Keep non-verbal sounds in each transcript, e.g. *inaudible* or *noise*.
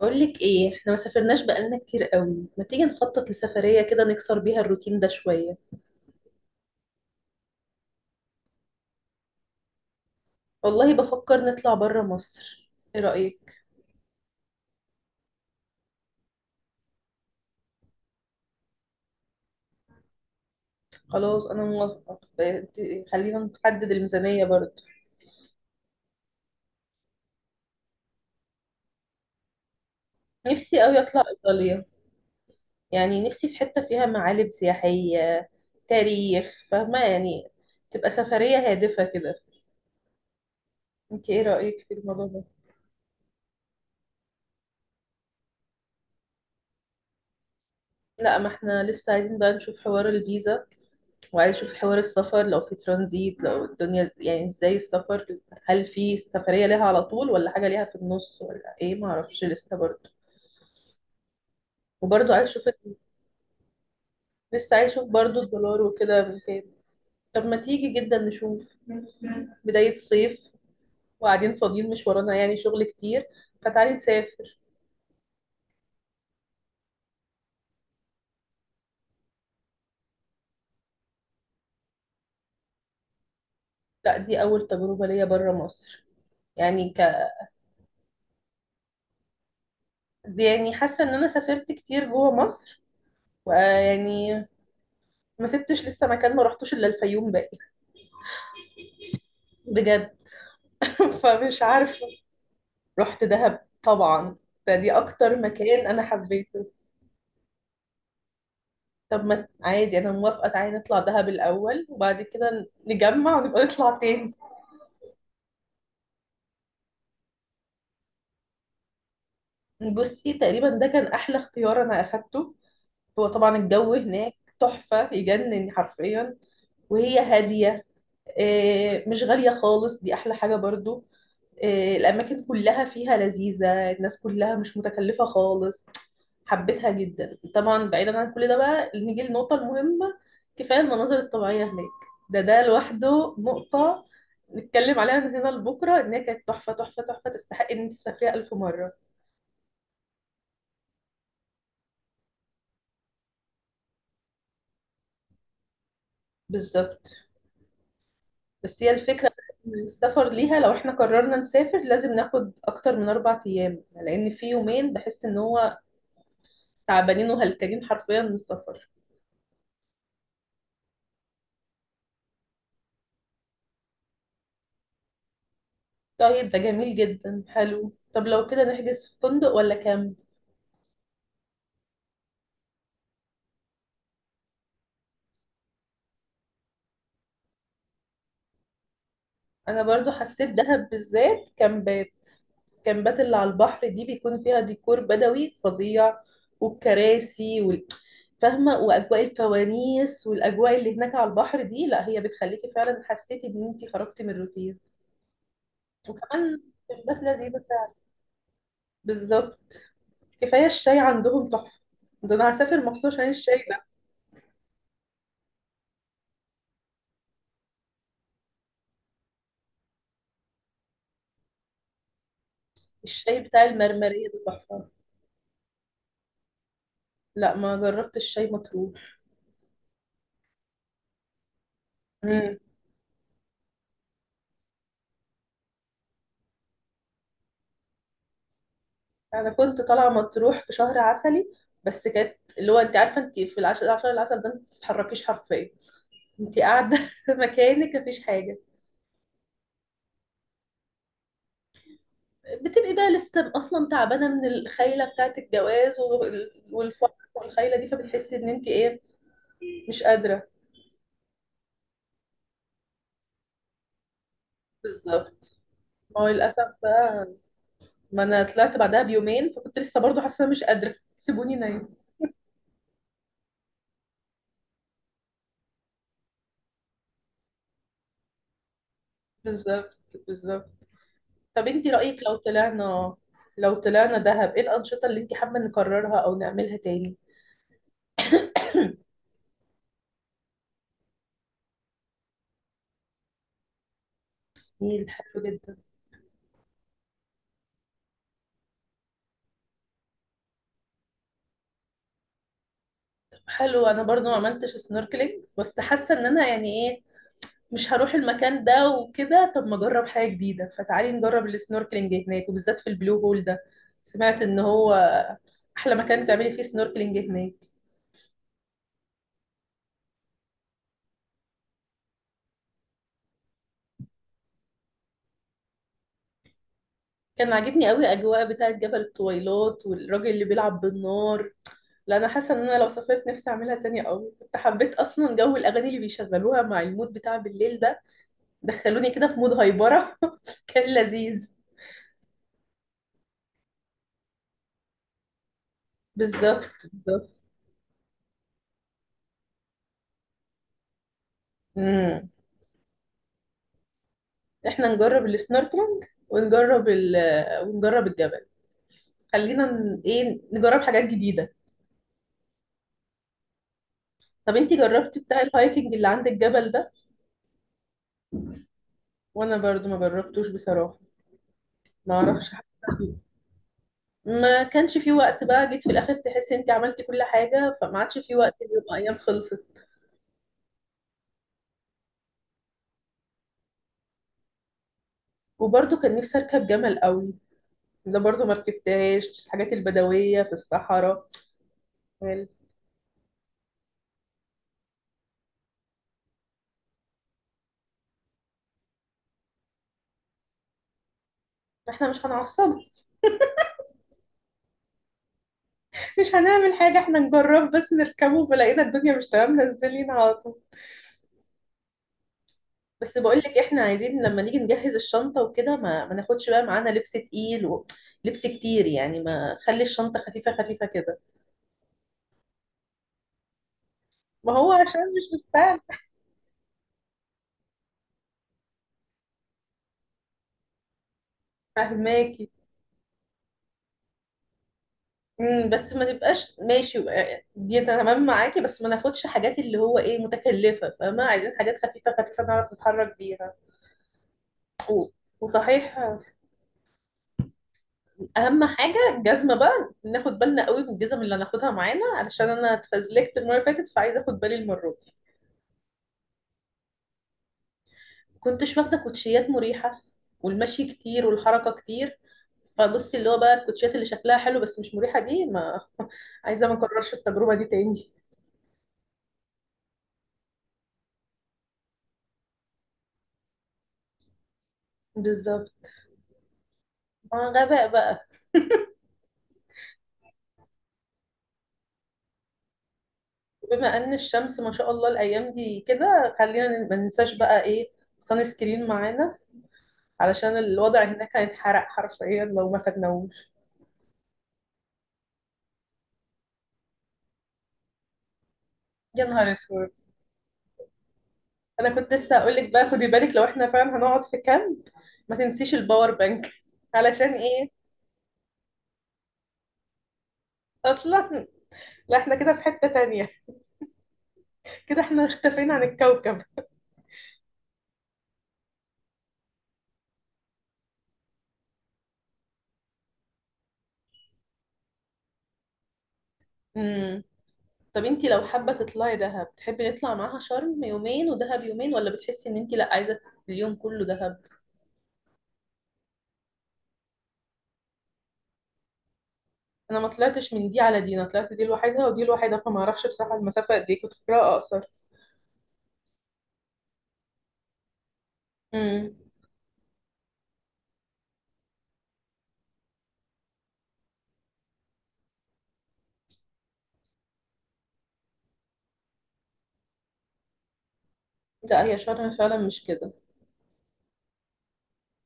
بقول لك ايه، احنا ما سافرناش بقالنا كتير قوي. ما تيجي نخطط لسفرية كده نكسر بيها الروتين ده شوية. والله بفكر نطلع بره مصر. ايه رأيك؟ خلاص انا موافقة، خلينا نحدد الميزانية برضه. نفسي قوي اطلع ايطاليا. يعني نفسي في حتة فيها معالم سياحية، تاريخ، فاهمة؟ يعني تبقى سفرية هادفة كده. انت ايه رأيك في الموضوع ده؟ لا، ما احنا لسه عايزين بقى نشوف حوار الفيزا، وعايز اشوف حوار السفر، لو في ترانزيت، لو الدنيا يعني ازاي السفر. هل في سفرية ليها على طول ولا حاجة ليها في النص ولا ايه؟ ما اعرفش لسه برضه. وبرضه عايز اشوف ال- لسه عايز اشوف برضه الدولار وكده من كام. طب ما تيجي جدا نشوف. بداية صيف، وقاعدين فاضيين، مش ورانا يعني شغل كتير، فتعالي نسافر. لا، دي أول تجربة ليا برا مصر. يعني ك دي يعني حاسة إن أنا سافرت كتير جوا مصر، ويعني ما سبتش لسه مكان ما رحتوش إلا الفيوم باقي. بجد. *laughs* فمش عارفة. رحت دهب طبعا، فدي أكتر مكان أنا حبيته. طب ما عادي، أنا موافقة، تعالي نطلع دهب الأول وبعد كده نجمع ونبقى نطلع تاني. بصي، تقريبا ده كان أحلى اختيار أنا أخدته. هو طبعا الجو هناك تحفة يجنن حرفيا، وهي هادية. آه، مش غالية خالص، دي أحلى حاجة برضو. آه، الأماكن كلها فيها لذيذة، الناس كلها مش متكلفة خالص. حبيتها جدا طبعا. بعيدا عن كل ده بقى، نيجي للنقطة المهمة. كفاية المناظر الطبيعية هناك. ده لوحده نقطة نتكلم عليها من هنا لبكرة، إن هي كانت تحفة تحفة تحفة، تستحق إن أنت تسافريها 1000 مرة. بالظبط. بس هي الفكرة إن السفر ليها، لو إحنا قررنا نسافر لازم ناخد أكتر من 4 أيام، لأن في يومين بحس إن هو تعبانين وهلكانين حرفيا من السفر. طيب، ده جميل جدا حلو. طب لو كده نحجز في فندق ولا كامب؟ انا برضو حسيت دهب بالذات كامبات. الكامبات اللي على البحر دي بيكون فيها ديكور بدوي فظيع. والكراسي فاهمة؟ وأجواء الفوانيس والأجواء اللي هناك على البحر دي، لا هي بتخليكي فعلا حسيتي إن أنتي خرجتي من الروتين. وكمان كامبات لذيذة فعلا. بالظبط. كفاية الشاي عندهم تحفة. ده أنا هسافر مخصوص عشان الشاي. الشاي بتاع المرمرية ده تحفة. لا، ما جربت الشاي مطروح. امم انا كنت طالعة مطروح في شهر عسلي. بس كانت اللي هو انت عارفة، انت في العشر العسل ده، انت ما بتتحركيش حرفيا. انت قاعدة *laughs* في مكانك، مفيش حاجة. بتبقي بقى لسه اصلا تعبانة من الخيلة بتاعة الجواز والفرح والخيلة دي، فبتحسي ان انت ايه، مش قادرة. بالظبط، ما هو للأسف بقى. ما انا طلعت بعدها بيومين، فكنت لسه برضه حاسة مش قادرة. *laughs* سيبوني نايم. بالظبط بالظبط. طب انت رأيك لو طلعنا دهب، ايه الأنشطة اللي انت حابة نكررها او نعملها تاني؟ نيل حلو جدا. طب حلو. انا برضو ما عملتش سنوركلينج، بس حاسة ان انا يعني ايه، مش هروح المكان ده وكده، طب ما اجرب حاجة جديدة، فتعالي نجرب السنوركلينج هناك وبالذات في البلو هول ده. سمعت ان هو احلى مكان تعملي فيه سنوركلينج هناك. كان عاجبني قوي اجواء بتاعة جبل الطويلات، والراجل اللي بيلعب بالنار. لا، انا حاسه ان انا لو سافرت نفسي اعملها تاني قوي. كنت حبيت اصلا جو الاغاني اللي بيشغلوها مع المود بتاع بالليل ده. دخلوني كده في مود هايبره. *laughs* كان لذيذ. بالظبط بالظبط. امم احنا نجرب السنوركلينج ونجرب ونجرب الجبل. خلينا ن- ايه نجرب حاجات جديده. طب انتي جربتي بتاع الهايكنج اللي عند الجبل ده؟ وانا برضو ما جربتوش بصراحه، ما اعرفش حاجة فيه. ما كانش في وقت بقى، جيت في الاخر تحسي انتي عملتي كل حاجه، فما عادش في وقت، اليوم ايام خلصت. وبرضه كان نفسي اركب جمل قوي. ده برضه ما ركبتهاش، الحاجات البدويه في الصحراء. قال، احنا مش هنعصب. مش هنعمل حاجه، احنا نجرب بس نركبه، وبلاقينا الدنيا مش تمام نزلين على طول. بس بقول لك، احنا عايزين لما نيجي نجهز الشنطه وكده ما ناخدش بقى معانا لبس تقيل ولبس كتير، يعني ما خلي الشنطه خفيفه خفيفه كده. ما هو عشان مش مستاهل. فهماكي. بس ما نبقاش ماشي. آه، دي أنا تمام معاكي، بس ما ناخدش حاجات اللي هو ايه متكلفة، فاهمة؟ عايزين حاجات خفيفة خفيفة نعرف نتحرك بيها. و- وصحيح، اهم حاجة الجزمة بقى ناخد بالنا قوي من الجزم اللي هناخدها معانا، علشان انا اتفزلكت المرة اللي فاتت، فعايزة اخد بالي المرة دي. كنتش واخدة كوتشيات مريحة، والمشي كتير والحركة كتير. فبصي اللي هو بقى الكوتشيات اللي شكلها حلو بس مش مريحة دي، ما *laughs* عايزة ما اكررش التجربة دي تاني. بالظبط، ما غباء بقى. بما ان الشمس ما شاء الله الايام دي كده، خلينا ما ننساش بقى سان سكرين معانا، علشان الوضع هناك هيتحرق حرفيا لو ما خدناهوش. يا نهار اسود! انا كنت لسه هقول لك بقى، خدي بالك لو احنا فعلا هنقعد في كامب، ما تنسيش الباور بانك *laughs* علشان ايه. اصلا. لا، احنا كده في حتة تانية، كده احنا اختفينا عن الكوكب. امم طب انتي لو حابة تطلعي دهب، تحبي نطلع معاها شرم يومين ودهب يومين، ولا بتحسي ان انتي لا، عايزة اليوم كله دهب؟ انا ما طلعتش من دي على دي، انا طلعت دي لوحدها ودي لوحدها، فما اعرفش بصراحه المسافه قد ايه، كنت فاكراها اقصر. امم لا، هي شرم فعلا مش كده.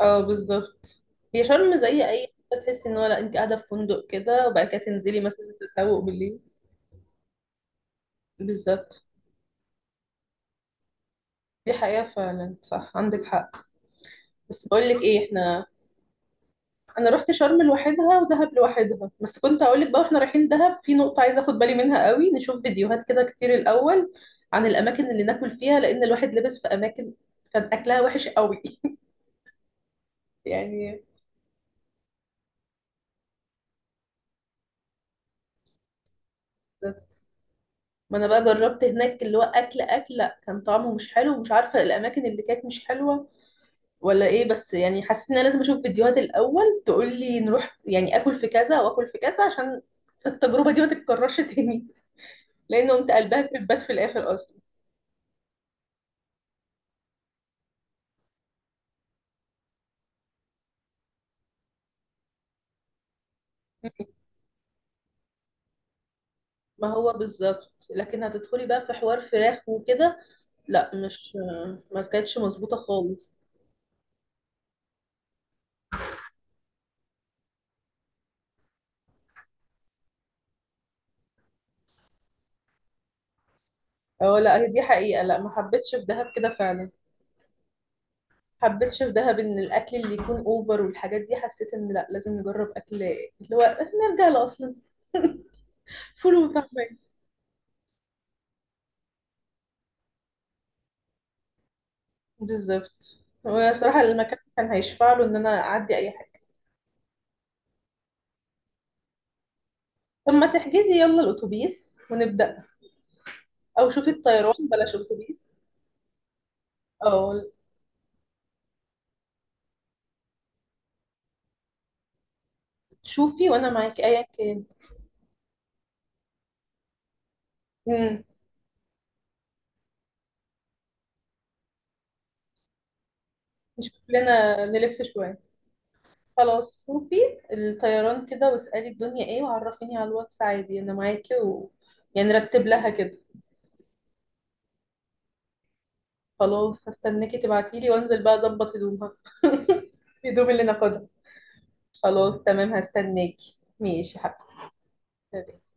اه، بالظبط. هي شرم زي اي حتة تحسي ان هو لا، انت قاعده في فندق كده، وبعد كده تنزلي مثلا تسوق بالليل. بالظبط، دي حقيقه فعلا، صح عندك حق. بس بقول لك ايه، انا رحت شرم لوحدها ودهب لوحدها، بس كنت هقول لك بقى، واحنا رايحين دهب في نقطه عايزه اخد بالي منها قوي، نشوف فيديوهات كده كتير الاول عن الاماكن اللي ناكل فيها، لان الواحد لبس في اماكن كان اكلها وحش قوي. *laughs* يعني. ما انا بقى جربت هناك اللي هو اكل، لا كان طعمه مش حلو، ومش عارفه الاماكن اللي كانت مش حلوه ولا ايه، بس يعني حسيت ان انا لازم اشوف فيديوهات الاول تقول لي نروح يعني اكل في كذا واكل في كذا، عشان التجربه دي ما تتكررش تاني. *laughs* لان قمت قلبها في البات في الاخر اصلا. ما هو بالظبط، لكن هتدخلي بقى في حوار فراخ وكده. لا، مش ما كانتش مظبوطة خالص. اه لا، هي دي حقيقة، لا ما حبيتش في دهب كده فعلا، ما حبيتش في دهب ان الاكل اللي يكون اوفر والحاجات دي، حسيت ان لا لازم نجرب اكل اللي هو نرجع لاصلا. *laughs* فول وطعمية. بالظبط، وبصراحة المكان كان هيشفع له ان انا اعدي اي حاجة. طب ما تحجزي يلا الاتوبيس ونبدأ، او شوفي الطيران بلاش اتوبيس. او شوفي وانا معاكي ايا كان، مش كلنا نلف شوية. خلاص شوفي الطيران كده، واسألي الدنيا ايه، وعرفيني على الواتس عادي، انا معاكي يعني رتب لها كده. خلاص هستناكي تبعتيلي، وانزل بقى اظبط هدومها، *laughs* الهدوم اللي ناخدها. خلاص تمام، هستناكي، ماشي يا حبيبتي.